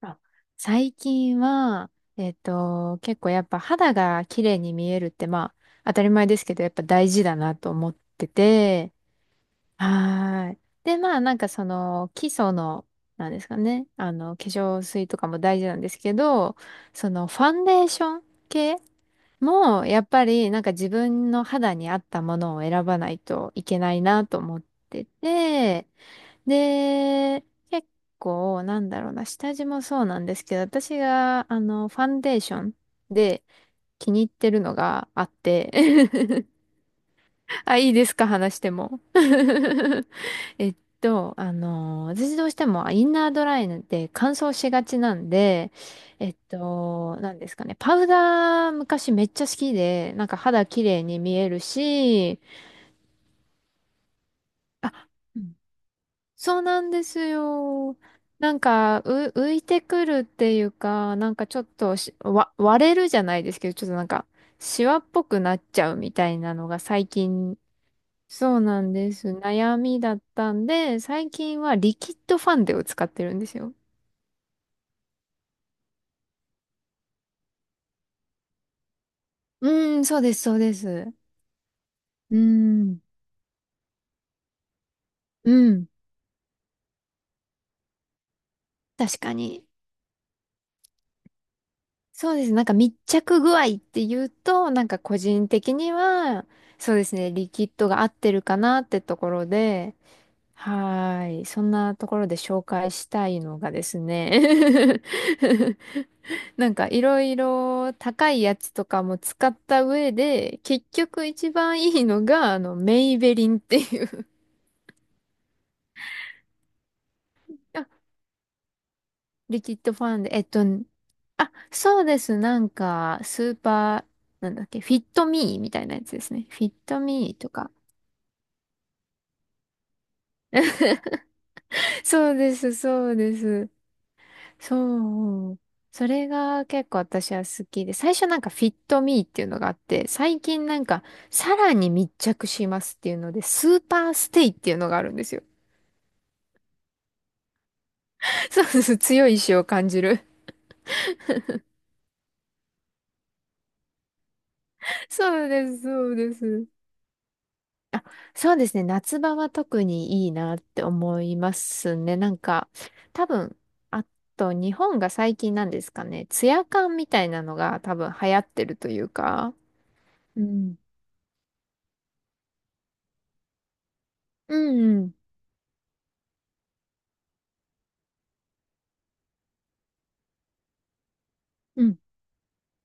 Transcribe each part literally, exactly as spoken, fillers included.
あ、最近は、えっと、結構やっぱ肌が綺麗に見えるって、まあ、当たり前ですけど、やっぱ大事だなと思ってて。はーい。で、まあ、なんかその、基礎の、なんですかね、あの、化粧水とかも大事なんですけど、その、ファンデーション系も、やっぱり、なんか自分の肌に合ったものを選ばないといけないなと思ってて、で、結構、なんだろうな、下地もそうなんですけど、私が、あの、ファンデーションで気に入ってるのがあって あ、いいですか、話しても。えっと、あの、私どうしてもインナードライで乾燥しがちなんで、えっと、なんですかね、パウダー昔めっちゃ好きで、なんか肌綺麗に見えるし、あ、うん、そうなんですよ。なんか、う、浮いてくるっていうか、なんかちょっとし、わ、割れるじゃないですけど、ちょっとなんか、シワっぽくなっちゃうみたいなのが最近、そうなんです。悩みだったんで、最近はリキッドファンデを使ってるんですよ。うん、そうです、そうです。うん、うん、確かに。そうです。なんか密着具合っていうと、なんか個人的には、そうですね、リキッドが合ってるかなってところで、はーい。そんなところで紹介したいのがですね。 なんかいろいろ高いやつとかも使った上で、結局一番いいのが、あの、メイベリンっていう あ、リキッドファンで、えっと、あ、そうです。なんか、スーパー、なんだっけ、フィットミーみたいなやつですね。フィットミーとか。そうです、そうです。そう。それが結構私は好きで、最初なんかフィットミーっていうのがあって、最近なんかさらに密着しますっていうので、スーパーステイっていうのがあるんですよ。そうです。強い意志を感じる。そうです、そうです。そうですね。夏場は特にいいなって思いますね。なんか、多分、あと日本が最近なんですかね。ツヤ感みたいなのが多分流行ってるというか。うん。うんうん。うん。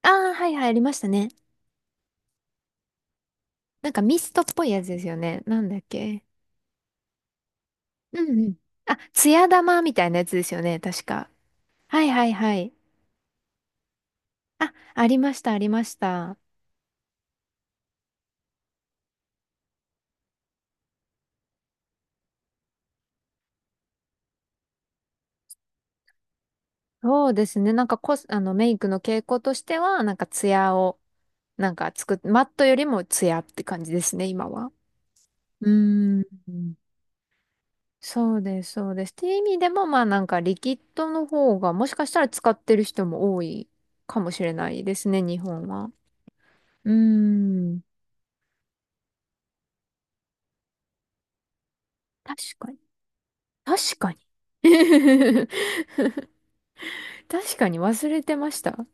ああ、はいはい、ありましたね。なんかミストっぽいやつですよね。なんだっけ。うんうん。あ、艶玉みたいなやつですよね。確か。はいはいはい。あ、ありました、ありました。そうですね。なんかコス、あの、メイクの傾向としては、なんかツヤを、なんか作っ、マットよりもツヤって感じですね、今は。うーん。そうです、そうです。っていう意味でも、まあなんかリキッドの方が、もしかしたら使ってる人も多いかもしれないですね、日本は。うーん。確かに。確かに。確かに忘れてました。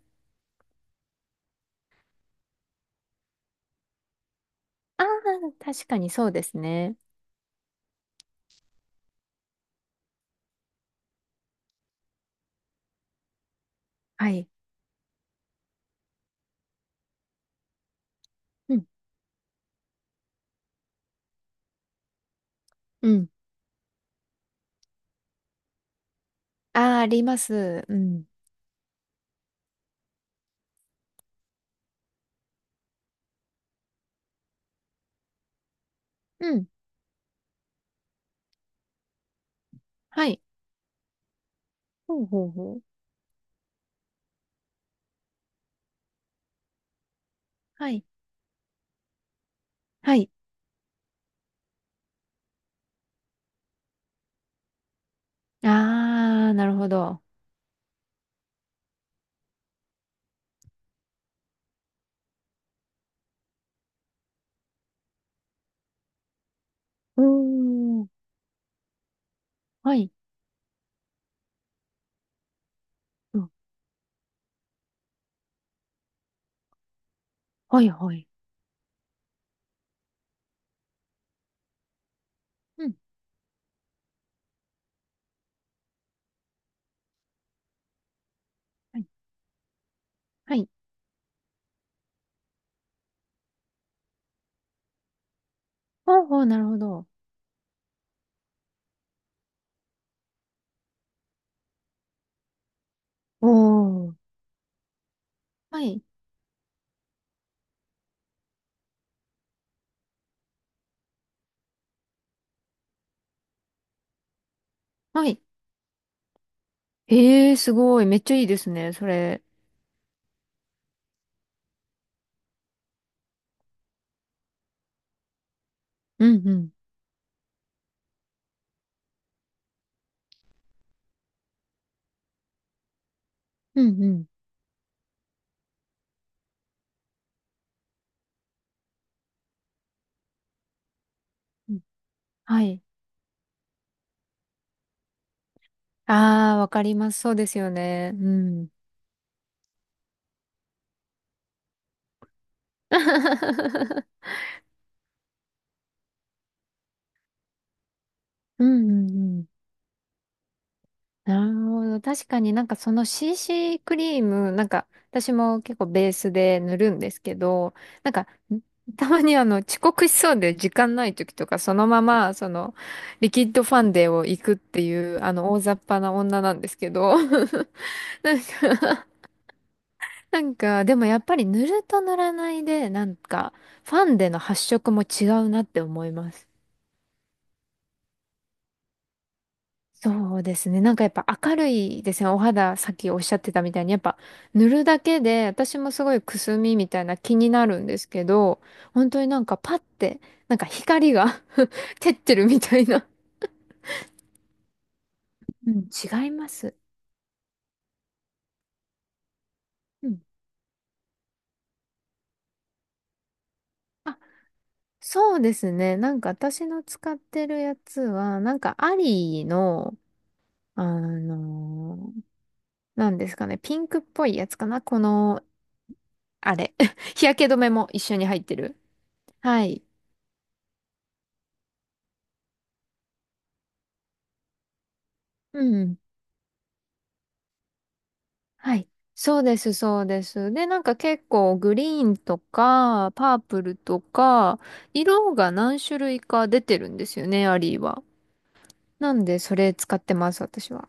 ああ、確かにそうですね。はい。うん。うん。ああ、あります。うん。うん。はい。ほうほうほう。はい。はい。ああ、なるほど。おー。はい。うん。はいはい。うん。はい。はい。ほうほう、なるほど。おー。はい。はい。ええー、すごい。めっちゃいいですね、それ。うんうん。うんうん。うん、はい。ああ、わかります。そうですよね。うん。うんうんうん。なるほど。確かになんかその シーシー クリーム、なんか私も結構ベースで塗るんですけど、なんかたまにあの遅刻しそうで時間ない時とかそのままそのリキッドファンデを行くっていうあの大雑把な女なんですけど、なんか、なんかでもやっぱり塗ると塗らないでなんかファンデの発色も違うなって思います。そうですね。なんかやっぱ明るいですね。お肌、さっきおっしゃってたみたいに、やっぱ塗るだけで、私もすごいくすみみたいな気になるんですけど、本当になんかパッて、なんか光が 照ってるみたいな。うん、違います。うん。あ、そうですね。なんか私の使ってるやつは、なんかアリーの、あのーなんですかね、ピンクっぽいやつかな。この、あれ。日焼け止めも一緒に入ってる。はい。うん。はい。そうです、そうです。で、なんか結構グリーンとか、パープルとか、色が何種類か出てるんですよね、アリーは。なんで、それ使ってます、私は。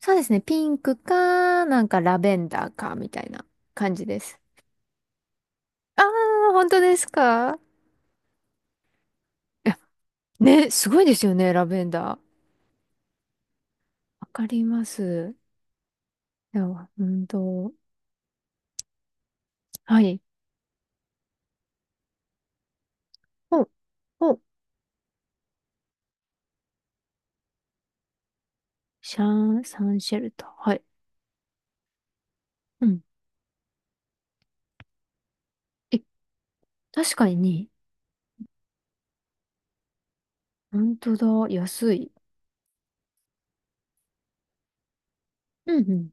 そうですね、ピンクか、なんかラベンダーか、みたいな感じです。あー、本当ですか。いや、ね、すごいですよね、ラベンダー。わかります。では、うんと、はい。お、お、シャン、サンシェルト。はい。うん。え、確かに本当だ。安い。うんうん。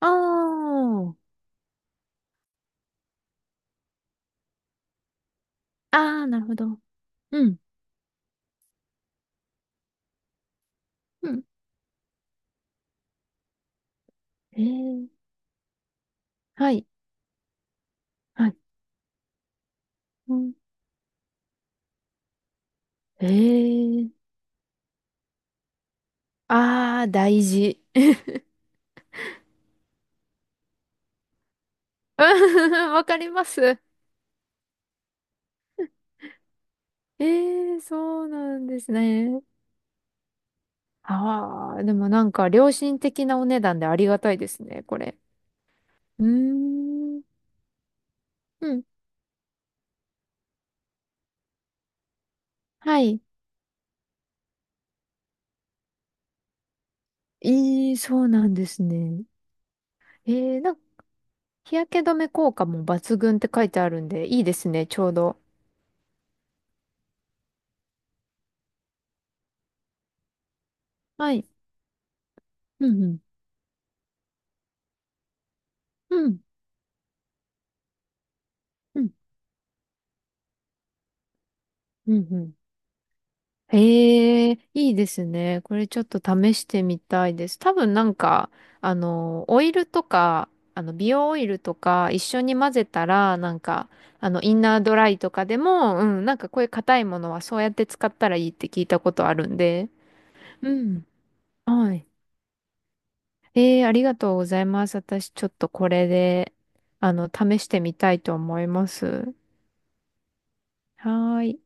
ああ。ああ、なるほど。うん。うん。へえ。はい。はい。うん、へえ。ああ、大事。う、わかります。ええ、そうなんですね。ああ、でもなんか良心的なお値段でありがたいですね、これ。うーん。うん。はい。ええ、そうなんですね。ええ、なんか日焼け止め効果も抜群って書いてあるんで、いいですね、ちょうど。はい。うんうん。うん。うん。うんうん。へえ、いいですね。これちょっと試してみたいです。多分なんか、あの、オイルとか、あの、美容オイルとか一緒に混ぜたら、なんか、あの、インナードライとかでも、うん、なんかこういう硬いものはそうやって使ったらいいって聞いたことあるんで。うん。はい。えー、ありがとうございます。私ちょっとこれで、あの、試してみたいと思います。はーい。